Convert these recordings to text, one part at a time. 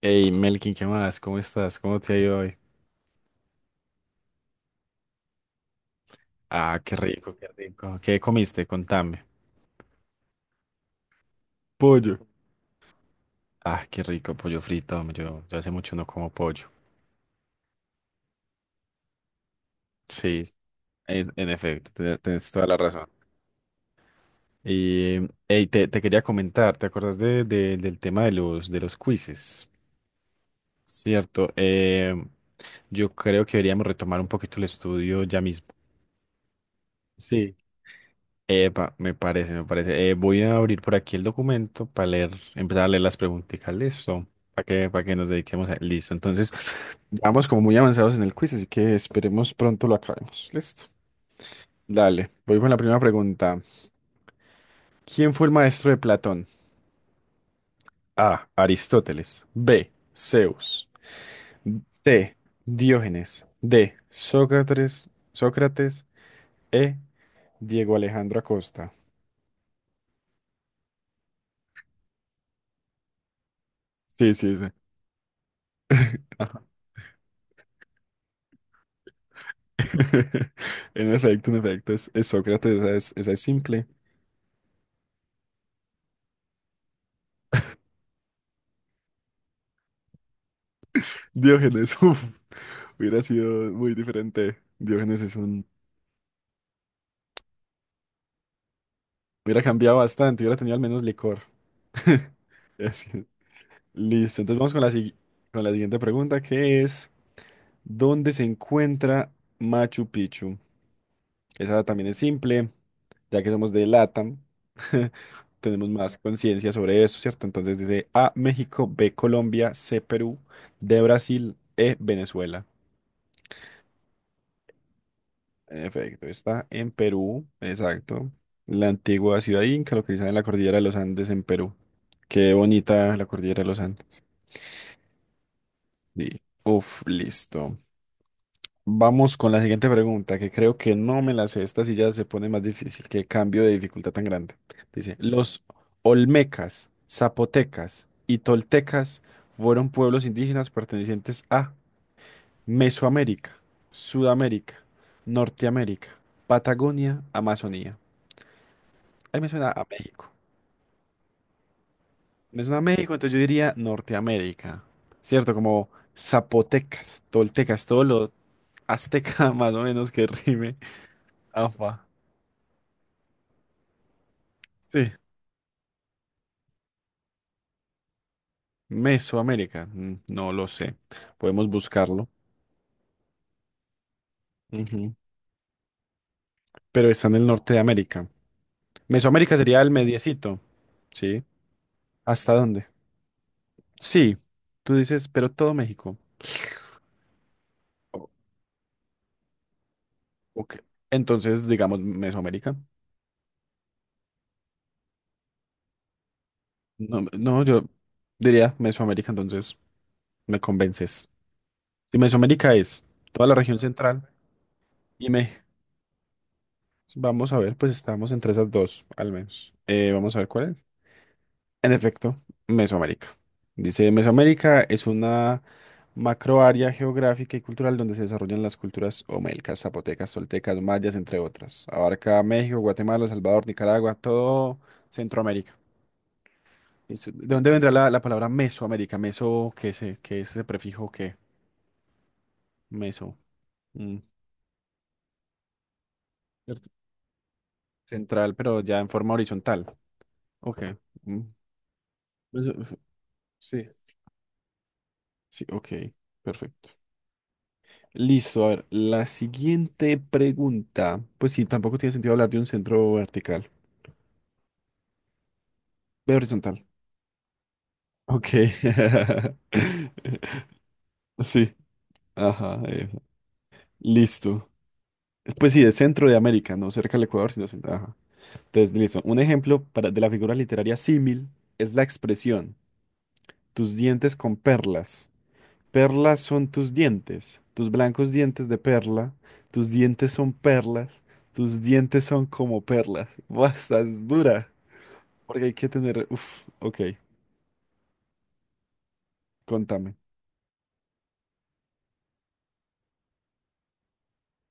Hey, Melkin, ¿qué más? ¿Cómo estás? ¿Cómo te ha ido hoy? Ah, qué rico, qué rico. ¿Qué comiste? Contame. Pollo. Ah, qué rico, pollo frito. Hombre, yo hace mucho no como pollo. Sí, en efecto, tienes toda la razón. Y, hey, te quería comentar, ¿te acuerdas del tema de los quizzes? Cierto, yo creo que deberíamos retomar un poquito el estudio ya mismo. Sí. Epa, me parece. Voy a abrir por aquí el documento para leer, empezar a leer las preguntitas, listo, para que nos dediquemos a... Listo, entonces, ya vamos como muy avanzados en el quiz, así que esperemos pronto lo acabemos, listo. Dale, voy con la primera pregunta. ¿Quién fue el maestro de Platón? A, Aristóteles; B, Zeus; C, Diógenes; D, Sócrates, Sócrates; E, Diego Alejandro Acosta. Sí, sí, sí. En efecto, es Sócrates, esa es simple. Diógenes, uff, hubiera sido muy diferente. Diógenes es un... Hubiera cambiado bastante, hubiera tenido al menos licor. Así, listo, entonces vamos con la siguiente pregunta, que es, ¿dónde se encuentra Machu Picchu? Esa también es simple, ya que somos de LATAM, tenemos más conciencia sobre eso, ¿cierto? Entonces dice A, México; B, Colombia; C, Perú; D, Brasil; E, Venezuela. En efecto, está en Perú, exacto. La antigua ciudad inca localizada en la cordillera de los Andes en Perú. Qué bonita la cordillera de los Andes. Sí. Uf, listo. Vamos con la siguiente pregunta, que creo que no me la sé. Esta sí ya se pone más difícil. Qué cambio de dificultad tan grande. Dice, los olmecas, zapotecas y toltecas fueron pueblos indígenas pertenecientes a Mesoamérica, Sudamérica, Norteamérica, Patagonia, Amazonía. Ahí me suena a México. Me suena a México, entonces yo diría Norteamérica. ¿Cierto? Como zapotecas, toltecas, todo lo azteca, más o menos que rime. Afa. Sí. Mesoamérica. No lo sé. Podemos buscarlo. Ujú. Pero está en el norte de América. Mesoamérica sería el mediecito. ¿Sí? ¿Hasta dónde? Sí. Tú dices, pero todo México. O- ok. Entonces, digamos Mesoamérica. No, no, yo diría Mesoamérica, entonces me convences. Y Mesoamérica es toda la región central y México. Vamos a ver, pues estamos entre esas dos, al menos. Vamos a ver cuál es. En efecto, Mesoamérica. Dice, Mesoamérica es una macroárea geográfica y cultural donde se desarrollan las culturas omelcas, zapotecas, toltecas, mayas, entre otras. Abarca México, Guatemala, El Salvador, Nicaragua, todo Centroamérica. Listo. ¿De dónde vendrá la palabra Mesoamérica? Meso, ¿qué es, qué es ese prefijo que Meso? Mm, cierto. Central, pero ya en forma horizontal. Ok. Mm, eso fue- sí, sí, ok. Perfecto. Listo, a ver, la siguiente pregunta. Pues sí, tampoco tiene sentido hablar de un centro vertical, de horizontal. Ok. Sí, ajá. Listo. Pues sí, de centro de América, no cerca del Ecuador, sino centro. Ajá. Entonces, listo. Un ejemplo para, de la figura literaria símil es la expresión, tus dientes con perlas. Perlas son tus dientes, tus blancos dientes de perla, tus dientes son perlas, tus dientes son como perlas. Buah, estás dura, porque hay que tener... Uf, ok, contame.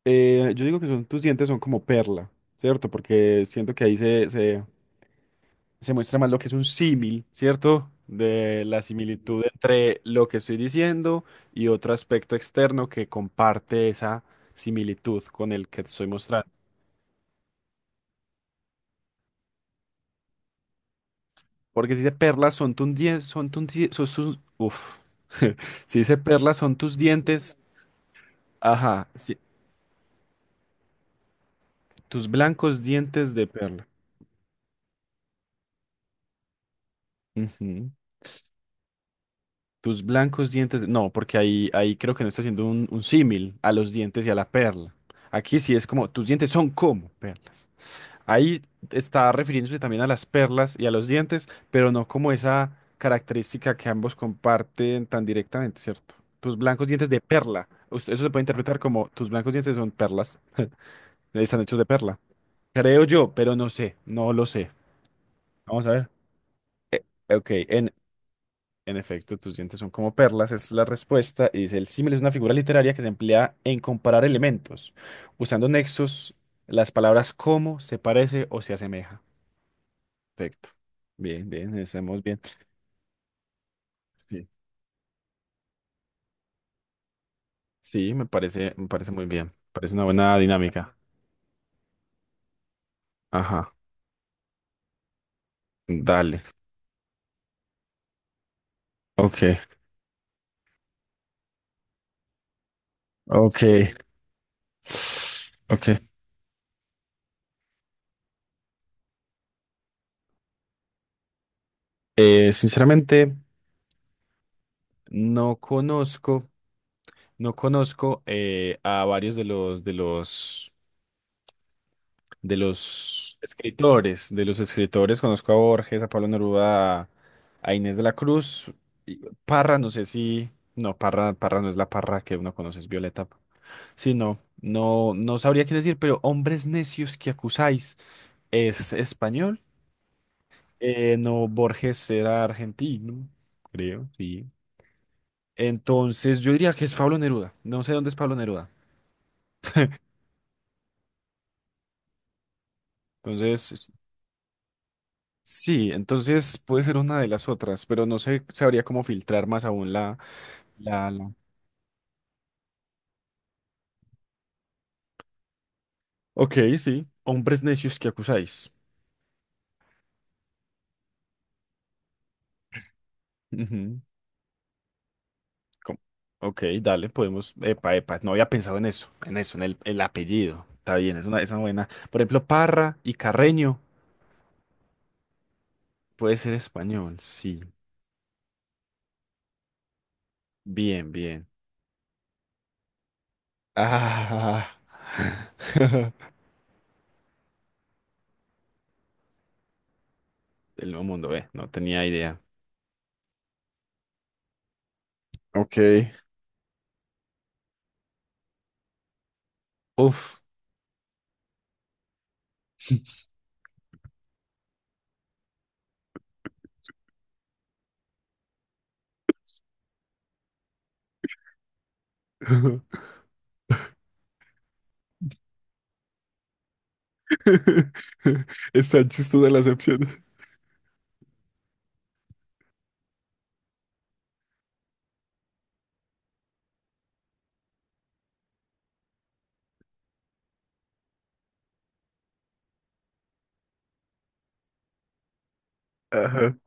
Yo digo que son, tus dientes son como perla, ¿cierto? Porque siento que ahí se muestra más lo que es un símil, ¿cierto? De la similitud entre lo que estoy diciendo y otro aspecto externo que comparte esa similitud con el que te estoy mostrando. Porque si dice perlas son tus dientes, son tus die- son tus- uf. Si dice perlas son tus dientes, ajá, sí, tus blancos dientes de perla. Ujú. Tus blancos dientes, no, porque ahí, ahí creo que no está haciendo un símil a los dientes y a la perla. Aquí sí es como, tus dientes son como perlas. Ahí está refiriéndose también a las perlas y a los dientes, pero no como esa característica que ambos comparten tan directamente, ¿cierto? Tus blancos dientes de perla. Eso se puede interpretar como tus blancos dientes son perlas, están hechos de perla. Creo yo, pero no sé, no lo sé. Vamos a ver. Eh, ok, en efecto, tus dientes son como perlas, es la respuesta. Y dice, el símil es una figura literaria que se emplea en comparar elementos, usando nexos, las palabras como, se parece o se asemeja. Perfecto. Bien, bien, estamos bien. Sí, sí, me parece muy bien. Parece una buena dinámica. Ajá, dale. Ok, ok. Ok. Sinceramente, no conozco, no conozco, a varios de los escritores, de los escritores. Conozco a Borges, a Pablo Neruda, a Inés de la Cruz. Y Parra, no sé si, no, Parra, Parra no es la Parra que uno conoce, es Violeta. Sí, no, no, no sabría qué decir, pero hombres necios que acusáis es español. No, Borges era argentino, creo, sí. Entonces yo diría que es Pablo Neruda. No sé dónde es Pablo Neruda. Entonces, es- sí, entonces puede ser una de las otras, pero no sé, sabría cómo filtrar más aún la, la- Ok, sí, hombres necios que acusáis. Ujú. ¿Cómo? Ok, dale, podemos. Epa, epa, no había pensado en eso, en eso, en el apellido. Está bien, es una buena. Por ejemplo, Parra y Carreño puede ser español, sí. Bien, bien. Ah, el nuevo mundo, ve, no tenía idea. Ok. Uf. Están chistosas las opciones. Ajá.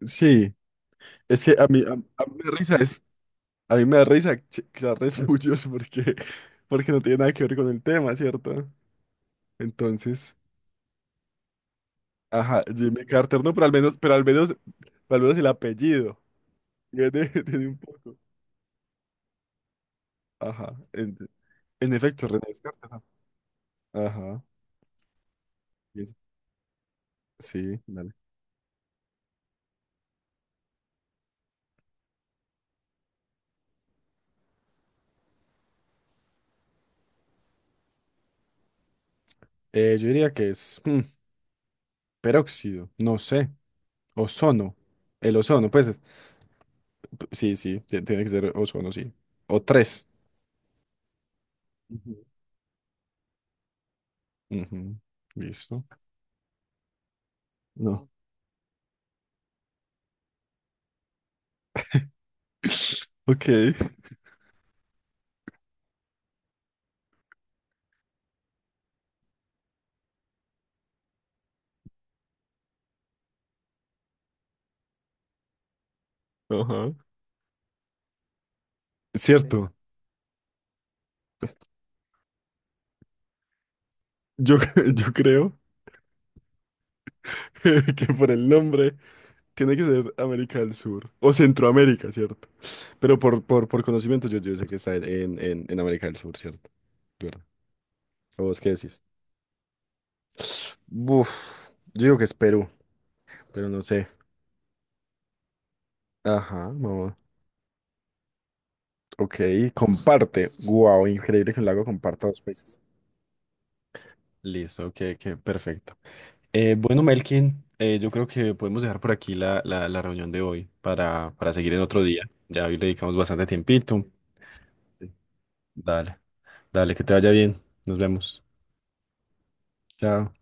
Sí, es que a mí me da risa, es, a mí me da risa que sea re suyos porque, porque no tiene nada que ver con el tema, ¿cierto? Entonces. Ajá, Jimmy Carter, no, pero al menos el apellido. Tiene, tiene un poco. Ajá, en, en efecto, René Descartes. Ajá. Ajá, y es- Sí, dale. Yo diría que es mm, peróxido, no sé, ozono. El ozono, sí, sí, tiene que ser ozono, sí. O tres. Ujú. Ujú, listo. No. Ok. Ajá. Cierto. Yo, yo creo que por el nombre. Tiene que ser América del Sur o Centroamérica, ¿cierto? Pero por conocimiento yo, yo sé que está en América del Sur, ¿cierto? Claro. ¿O vos qué decís? Buf, yo digo que es Perú, pero no sé. Ajá, no. Ok, comparte. Wow, increíble que un lago comparta dos países. Listo, que perfecto. Bueno, Melkin, yo creo que podemos dejar por aquí la reunión de hoy para seguir en otro día. Ya hoy le dedicamos bastante tiempito. Sí. Dale, dale, que te vaya bien. Nos vemos. Chao.